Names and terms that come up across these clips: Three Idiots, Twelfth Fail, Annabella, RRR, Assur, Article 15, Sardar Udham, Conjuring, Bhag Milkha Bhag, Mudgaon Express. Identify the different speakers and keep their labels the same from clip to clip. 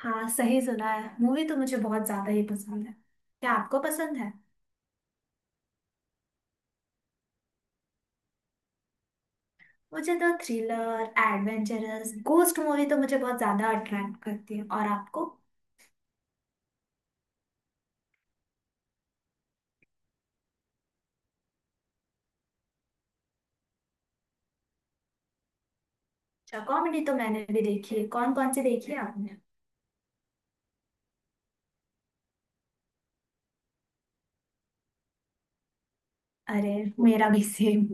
Speaker 1: हाँ, सही सुना है। मूवी तो मुझे बहुत ज्यादा ही पसंद है। क्या आपको पसंद है? मुझे तो थ्रिलर एडवेंचरस गोस्ट मूवी तो मुझे बहुत ज्यादा अट्रैक्ट करती है। और आपको? अच्छा, कॉमेडी तो मैंने भी देखी है। कौन कौन सी देखी है आपने? अरे, मेरा भी सेम।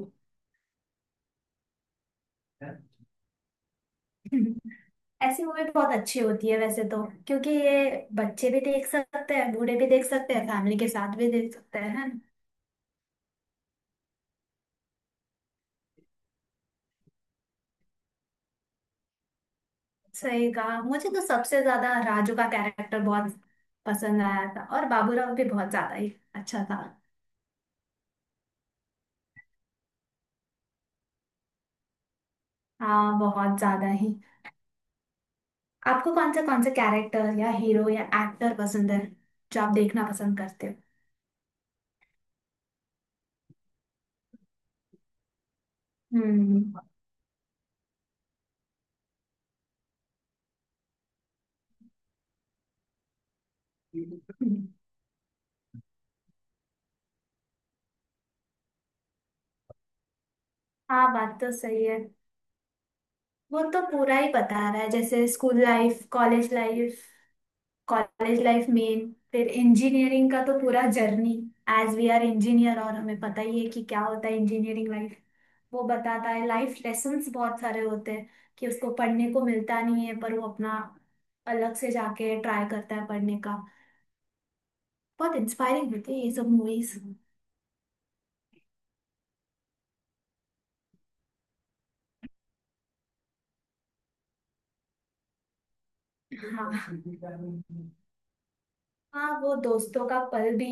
Speaker 1: ऐसी मूवी बहुत अच्छी होती है वैसे तो, क्योंकि ये बच्चे भी देख सकते हैं, बूढ़े भी देख सकते हैं, फैमिली के साथ भी देख सकते हैं, है ना। सही कहा। मुझे तो सबसे ज्यादा राजू का कैरेक्टर बहुत पसंद आया था, और बाबूराव भी बहुत ज्यादा ही अच्छा था। हाँ, बहुत ज्यादा ही। आपको कौन से कैरेक्टर या हीरो या एक्टर पसंद है जो आप देखना पसंद करते हो? हम्म। हम्म। हाँ, बात तो सही है। वो तो पूरा ही बता रहा है, जैसे school life, college life. College life मेन। फिर इंजीनियरिंग का तो पूरा journey. As we are engineer, और हमें पता ही है कि क्या होता है इंजीनियरिंग लाइफ। वो बताता है, लाइफ लेसन्स बहुत सारे होते हैं कि उसको पढ़ने को मिलता नहीं है, पर वो अपना अलग से जाके ट्राई करता है पढ़ने का। बहुत इंस्पायरिंग होती है ये सब मूवीज। हाँ। हाँ, वो दोस्तों का पल भी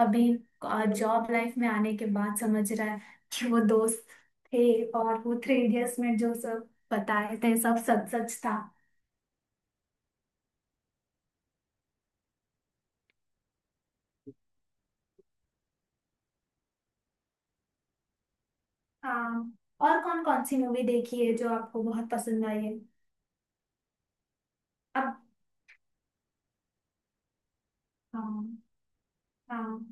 Speaker 1: अभी जॉब लाइफ में आने के बाद समझ रहा है कि वो दोस्त थे, और वो थ्री इडियट्स में जो सब बताए थे, सब सच सच था। हाँ। और कौन कौन सी मूवी देखी है जो आपको बहुत पसंद आई है? अब। हाँ। हाँ।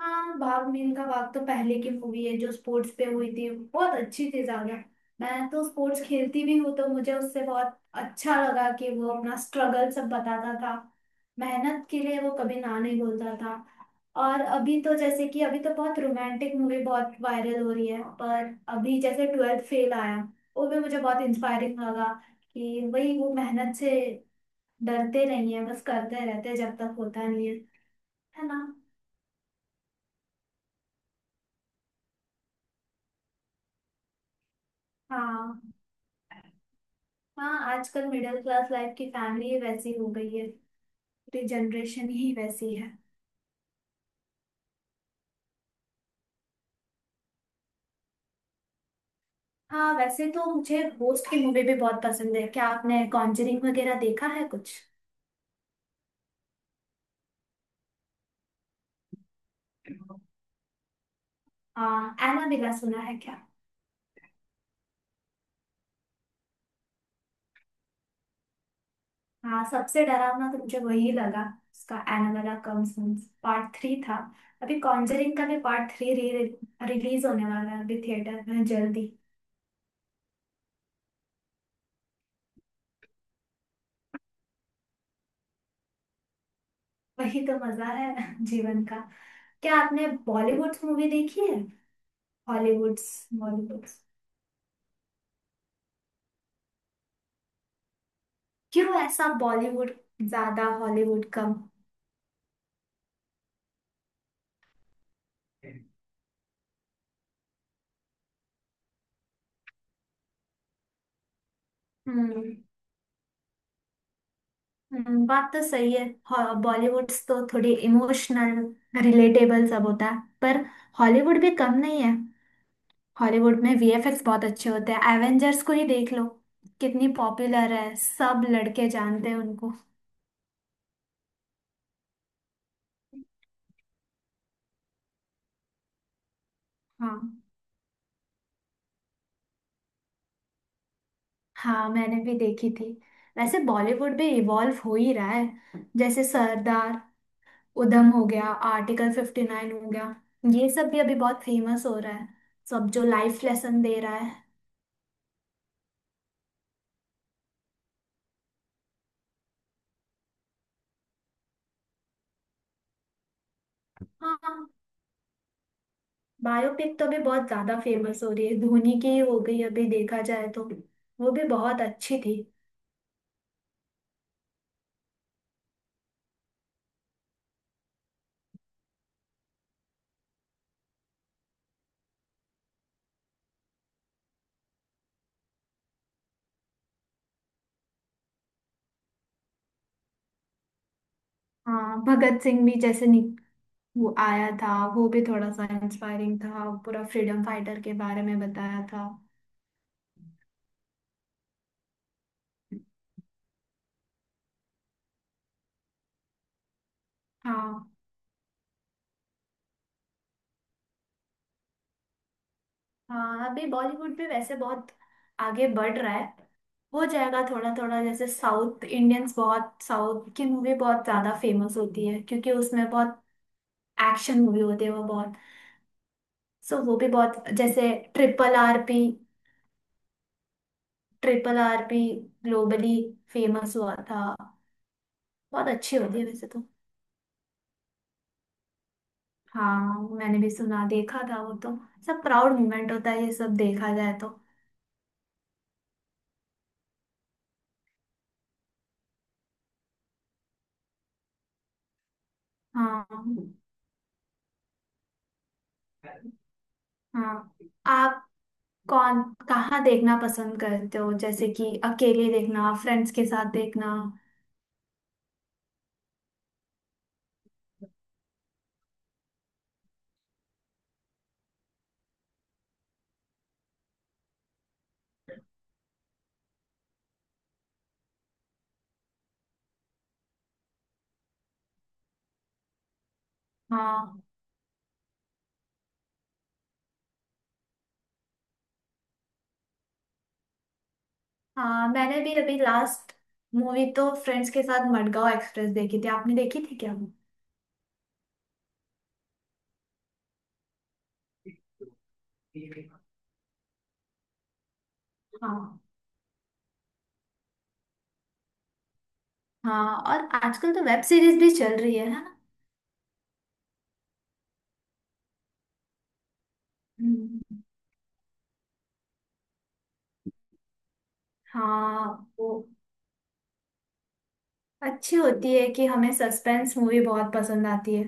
Speaker 1: हाँ, भाग मिल्खा भाग तो पहले की मूवी है जो स्पोर्ट्स पे हुई थी। बहुत अच्छी थी ज्यादा। मैं तो स्पोर्ट्स खेलती भी हूँ, तो मुझे उससे बहुत अच्छा लगा कि वो अपना स्ट्रगल सब बताता था। मेहनत के लिए वो कभी ना नहीं बोलता था। और अभी तो, जैसे कि अभी तो बहुत रोमांटिक मूवी बहुत वायरल हो रही है, पर अभी जैसे ट्वेल्थ फेल आया, वो भी मुझे बहुत इंस्पायरिंग लगा। कि वही, वो मेहनत से डरते नहीं है, बस करते रहते हैं जब तक होता नहीं है। है ना। हाँ। हाँ, आजकल मिडिल क्लास लाइफ की फैमिली ही वैसी हो गई है। पूरी जनरेशन ही वैसी है। हाँ, वैसे तो मुझे होस्ट की मूवी भी बहुत पसंद है। क्या आपने कॉन्जरिंग वगैरह देखा है कुछ? हाँ, एनाबेला सुना है क्या? हाँ, सबसे डरावना तो मुझे वही लगा। उसका एनाबेला कम्स पार्ट थ्री था। अभी कॉन्जरिंग का भी पार्ट थ्री रिलीज होने वाला है अभी थिएटर में जल्दी। वही तो मजा है जीवन का। क्या आपने बॉलीवुड मूवी देखी है? हॉलीवुड्स, बॉलीवुड। क्यों ऐसा, बॉलीवुड ज्यादा हॉलीवुड कम? हम्म। बात तो सही है। बॉलीवुड्स तो थोड़े इमोशनल, रिलेटेबल सब होता है, पर हॉलीवुड भी कम नहीं है। हॉलीवुड में वीएफएक्स बहुत अच्छे होते हैं, एवेंजर्स को ही देख लो, कितनी पॉपुलर है, सब लड़के जानते हैं उनको। हाँ। हाँ, मैंने भी देखी थी। वैसे बॉलीवुड भी इवॉल्व हो ही रहा है, जैसे सरदार उधम हो गया, आर्टिकल 59 हो गया, ये सब भी अभी बहुत फेमस हो रहा है, सब जो लाइफ लेसन दे रहा है। हाँ। बायोपिक तो अभी बहुत ज्यादा फेमस हो रही है। धोनी की ही हो गई अभी, देखा जाए तो। वो भी बहुत अच्छी थी। हाँ, भगत सिंह भी जैसे नि वो आया था, वो भी थोड़ा सा इंस्पायरिंग था। पूरा फ्रीडम फाइटर के बारे में बताया था। हाँ। हाँ, अभी बॉलीवुड भी वैसे बहुत आगे बढ़ रहा है। हो जाएगा थोड़ा थोड़ा, जैसे साउथ इंडियंस बहुत, साउथ की मूवी बहुत ज्यादा फेमस होती है, क्योंकि उसमें बहुत एक्शन मूवी होती है वो बहुत। सो वो भी बहुत, जैसे triple R P. Triple R P globally famous हुआ था। बहुत अच्छी होती है वैसे तो। हाँ, मैंने भी सुना, देखा था वो तो। सब प्राउड मोमेंट होता है ये, सब देखा जाए तो। हाँ। हाँ, आप कौन, कहाँ देखना पसंद करते हो, जैसे कि अकेले देखना, फ्रेंड्स के साथ देखना? हाँ। हाँ, मैंने भी अभी लास्ट मूवी तो फ्रेंड्स के साथ मडगांव एक्सप्रेस देखी थी। आपने देखी थी क्या वो? हाँ। हाँ, और आजकल तो वेब सीरीज भी चल रही है ना? हम्म। हाँ, वो अच्छी होती है कि हमें सस्पेंस मूवी बहुत पसंद आती है,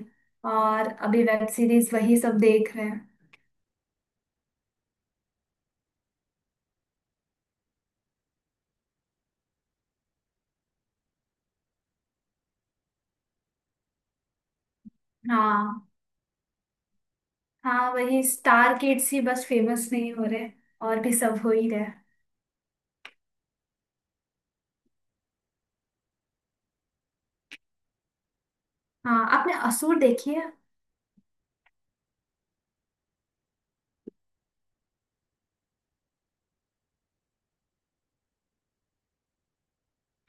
Speaker 1: और अभी वेब सीरीज वही सब देख रहे हैं। हाँ। हाँ, वही स्टार किड्स ही बस फेमस नहीं हो रहे, और भी सब हो ही रहे। हाँ, आपने असूर देखी है?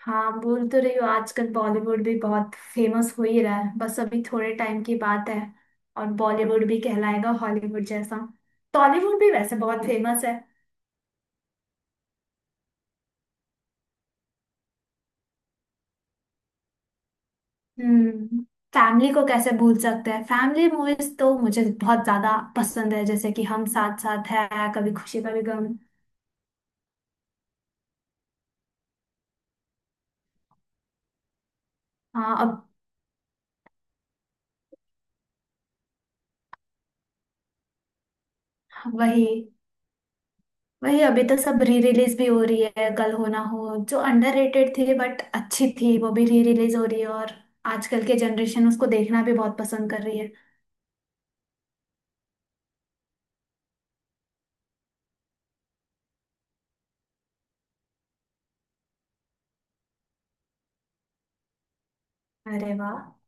Speaker 1: हाँ, बोल तो रही हो आजकल बॉलीवुड भी बहुत फेमस हो ही रहा है, बस अभी थोड़े टाइम की बात है, और बॉलीवुड भी कहलाएगा हॉलीवुड जैसा। टॉलीवुड भी वैसे बहुत फेमस है। हम्म। फैमिली को कैसे भूल सकते हैं? फैमिली मूवीज तो मुझे बहुत ज्यादा पसंद है, जैसे कि हम साथ साथ है, कभी खुशी कभी गम। हाँ। अब वही। वही अभी तो सब री रिलीज भी हो रही है, कल हो ना हो जो अंडररेटेड थी बट अच्छी थी वो भी री रिलीज हो रही है, और आजकल के जनरेशन उसको देखना भी बहुत पसंद कर रही है। अरे वाह!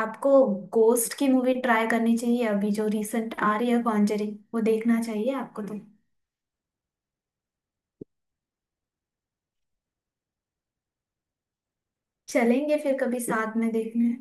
Speaker 1: आपको गोस्ट की मूवी ट्राई करनी चाहिए, अभी जो रिसेंट आ रही है कॉन्जरिंग वो देखना चाहिए आपको तो। चलेंगे फिर कभी साथ में देखने।